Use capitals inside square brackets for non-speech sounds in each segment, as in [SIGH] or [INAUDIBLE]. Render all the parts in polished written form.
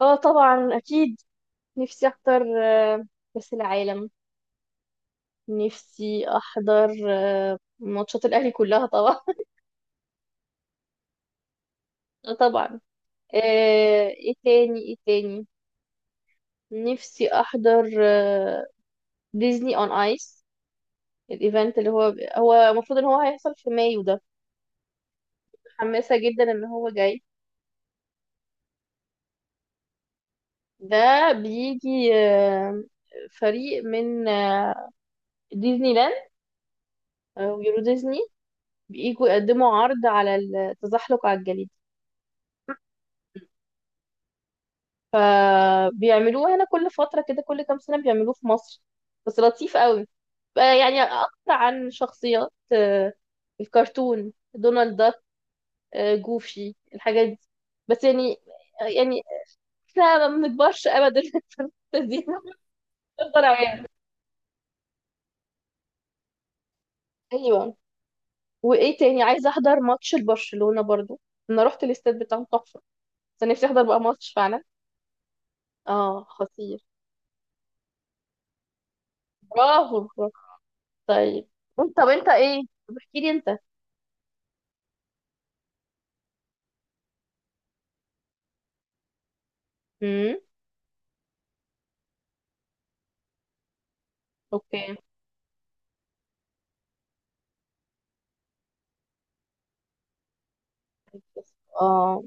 اه طبعا اكيد. نفسي احضر كاس العالم. نفسي احضر ماتشات الاهلي كلها طبعا. [LAUGHS] طبعا. ايه تاني، ايه تاني؟ نفسي احضر ديزني اون ايس، الايفنت اللي هو المفروض ان هو هيحصل في مايو ده. متحمسه جدا ان هو جاي. ده بيجي فريق من ديزني لاند ويورو ديزني، بييجوا يقدموا عرض على التزحلق على الجليد. بيعملوه هنا كل فترة كده، كل كام سنة بيعملوه في مصر. بس لطيف قوي، بقى يعني أكتر عن شخصيات الكرتون، دونالد داك جوفي، الحاجات دي. بس يعني احنا ما بنكبرش ابدا [LAUGHS] الحتة دي، بنفضل عيال. ايوه. وايه تاني؟ عايزه احضر ماتش لبرشلونه برضو. انا رحت الاستاد بتاعهم تحفه، بس أنا نفسي احضر بقى ماتش فعلا. اه، خطير. برافو برافو. طيب. انت طب انت ايه طب احكي لي انت. امم. اوكي. اه.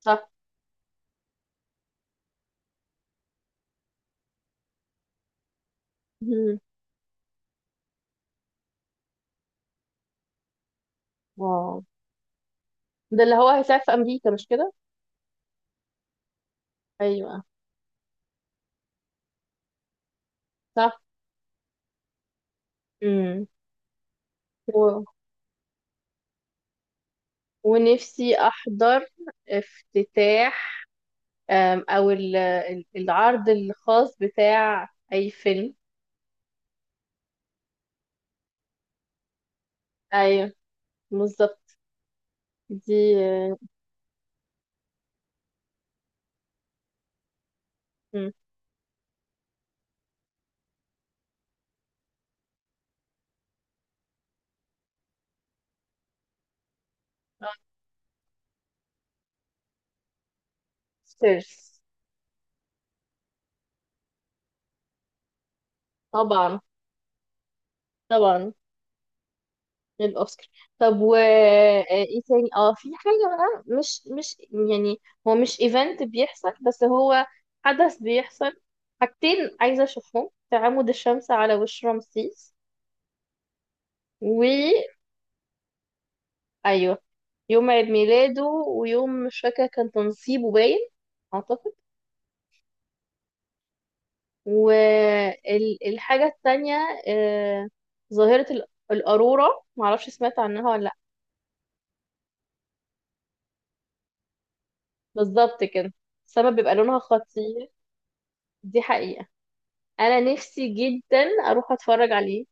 صح. مم. اه. ده اللي هو هيساعد في امريكا، مش كده؟ ايوه، صح. مم. و... ونفسي احضر افتتاح، او العرض الخاص بتاع اي فيلم. ايوه، بالظبط. دي آه، مم. آه، سيرس. طبعا طبعا. للأوسكار. طب و ايه تاني؟ اه، في حاجة بقى مش يعني هو مش ايفنت بيحصل، بس هو حدث بيحصل. حاجتين عايزة اشوفهم: تعامد الشمس على وش رمسيس. و ايوه، يوم عيد ميلاده ويوم مش فاكرة كان تنصيبه، باين اعتقد. والحاجة التانية آه، ظاهرة الأرورا، معرفش سمعت عنها ولا لأ. بالظبط كده. السما بيبقى لونها خطير، دي حقيقة. انا نفسي جدا اروح اتفرج عليه.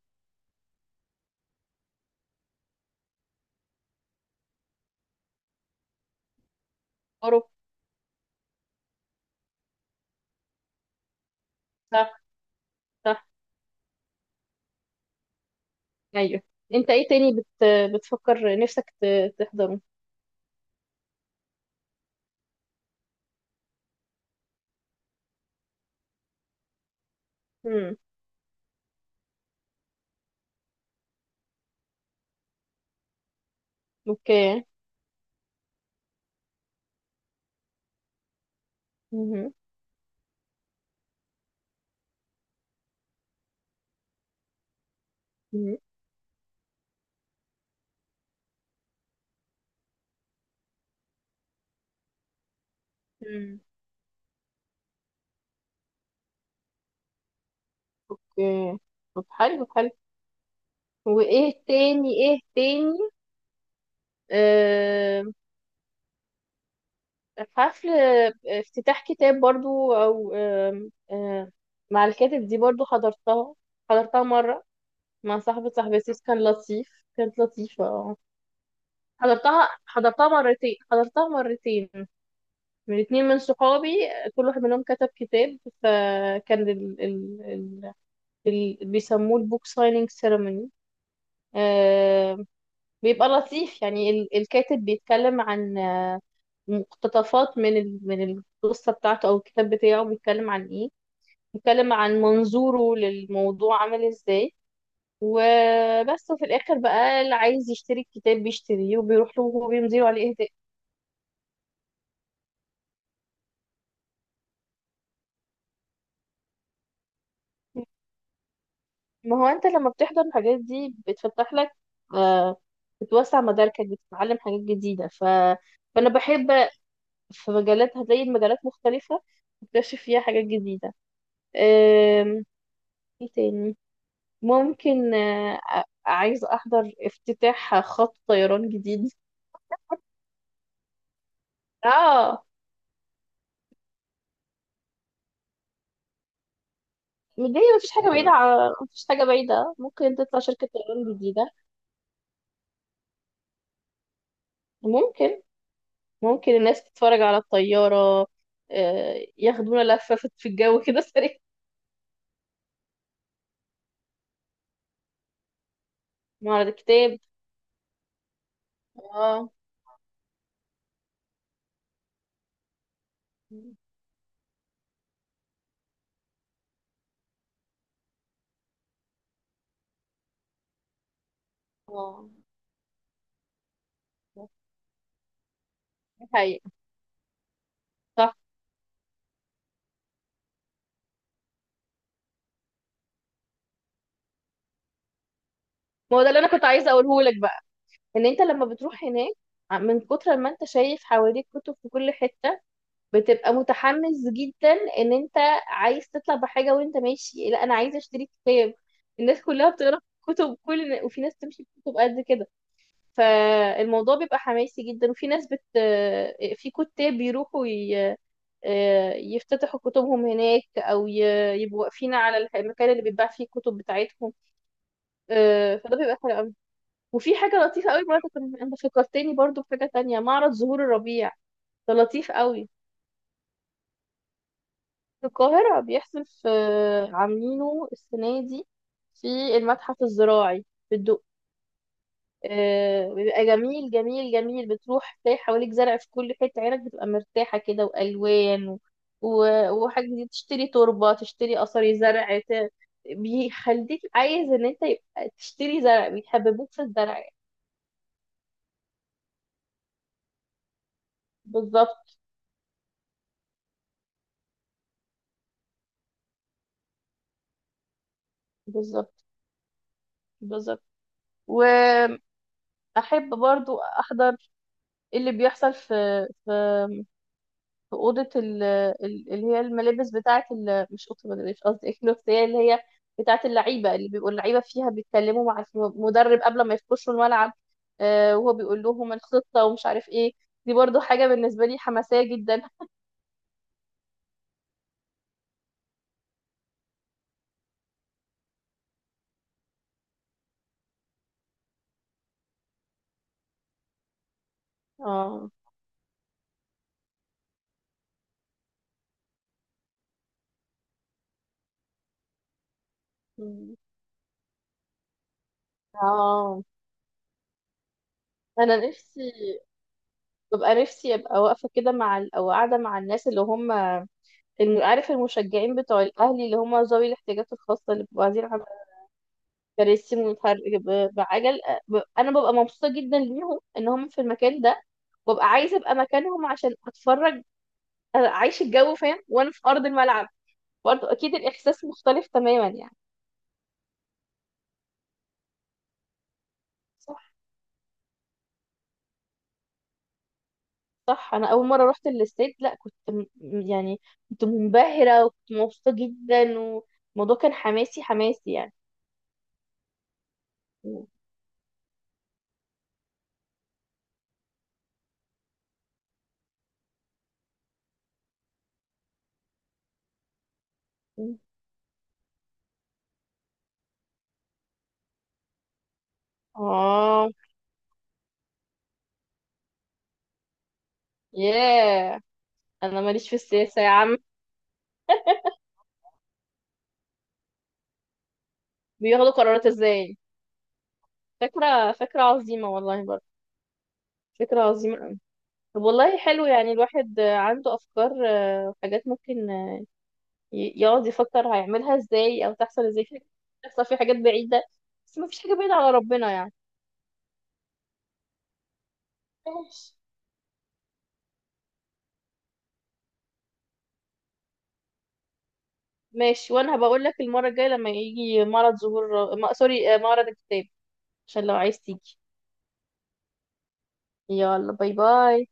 اروح. صح، صح. ايوه. انت ايه تاني بتفكر نفسك تحضره. امم. اوكي. مهم. مهم. مم. اوكي. طب، حلو حلو. وايه تاني؟ ايه تاني؟ آه... حفل افتتاح كتاب برضو، او مع الكاتب. دي برضو حضرتها، حضرتها مرة مع صاحبتي، كان لطيف، كانت لطيفة. اه. حضرتها، حضرتها مرتين، حضرتها مرتين من اتنين من صحابي، كل واحد منهم كتب كتاب. فكان ال بيسموه البوك سايننج سيرموني. آه. بيبقى لطيف يعني الكاتب بيتكلم عن مقتطفات من من القصة بتاعته أو الكتاب بتاعه، بيتكلم عن إيه، بيتكلم عن منظوره للموضوع عامل إزاي. وبس. وفي الآخر بقى اللي عايز يشتري الكتاب بيشتريه وبيروح له وهو بيمضيله عليه إهداء. ما هو انت لما بتحضر الحاجات دي بتفتح لك، آه، بتوسع مداركك، بتتعلم حاجات جديدة، فأنا بحب. في مجالات، هتلاقي المجالات مختلفة، تكتشف فيها حاجات جديدة. آم، ايه تاني؟ ممكن عايز أحضر افتتاح خط طيران جديد. اه. دي مفيش حاجة بعيدة، ممكن تطلع شركة طيران جديدة. ممكن. ممكن الناس تتفرج على الطيارة، ياخدونا لفة في الجو كده سريع. معرض الكتاب. اه، اه. دي حقيقة. صح. ما هو ده اللي انا كنت عايزه اقوله لك بقى، ان انت لما بتروح هناك، من كتر ما انت شايف حواليك كتب في كل حته، بتبقى متحمس جدا ان انت عايز تطلع بحاجه. وانت ماشي: لا، انا عايزه اشتري كتاب، الناس كلها بتقرا كتب، كل وفي ناس تمشي بكتب قد كده. فالموضوع بيبقى حماسي جدا. وفي ناس في كتاب بيروحوا يفتتحوا كتبهم هناك، او يبقوا واقفين على المكان اللي بيتباع فيه الكتب بتاعتهم. فده بيبقى حلو قوي. وفي حاجه لطيفه قوي برضه، انت فكرتني برضه بحاجه تانية: معرض زهور الربيع، ده لطيف قوي. في القاهره، بيحصل في، عاملينه السنه دي في المتحف الزراعي في الدق. بيبقى جميل جميل جميل. بتروح تلاقي حواليك زرع في كل حتة، عينك بتبقى مرتاحة كده، وألوان و وحاجة جديدة، تشتري تربة، تشتري قصري زرع، بيخليك عايز ان انت يبقى تشتري زرع، بيحببوك في الزرع يعني. بالظبط. بالظبط. بالظبط. وأحب برضو أحضر اللي بيحصل في في في اوضه اللي هي الملابس بتاعه، مش اوضه الملابس، قصدي الكلوت، هي اللي هي بتاعه اللعيبه، اللي بيبقوا اللعيبه فيها بيتكلموا مع المدرب قبل ما يخشوا الملعب. وهو بيقول لهم الخطه ومش عارف ايه. دي برضو حاجه بالنسبه لي حماسيه جدا. اه. مم. اه. انا نفسي ببقى نفسي ابقى واقفه كده مع او قاعده مع الناس اللي هم، عارف، المشجعين بتوع الاهلي اللي هم ذوي الاحتياجات الخاصه، اللي بيبقوا عايزين كراسي متحرك بعجل. انا ببقى مبسوطه جدا ليهم ان هم في المكان ده. ببقى عايزه ابقى مكانهم عشان اتفرج، اعيش الجو، فاهم، وانا في ارض الملعب. برضه اكيد الاحساس مختلف تماما يعني. صح، صح. انا اول مره رحت الاستاد لا كنت يعني كنت منبهره وكنت مبسوطه جدا. والموضوع كان حماسي حماسي يعني. م- م. اه. ياه. انا ماليش في السياسه يا عم. بياخدوا قرارات ازاي. فكره، عظيمه والله برضه. فكره عظيمه. طب والله حلو يعني. الواحد عنده افكار وحاجات ممكن، يقعد يفكر هيعملها ازاي، او تحصل ازاي. في حاجات تحصل، في حاجات بعيده، بس ما فيش حاجه بعيده على ربنا يعني. ماشي. ماشي، وانا هبقول لك المره الجايه لما يجي معرض ظهور ما... سوري، معرض الكتاب، عشان لو عايز تيجي. يلا، باي باي.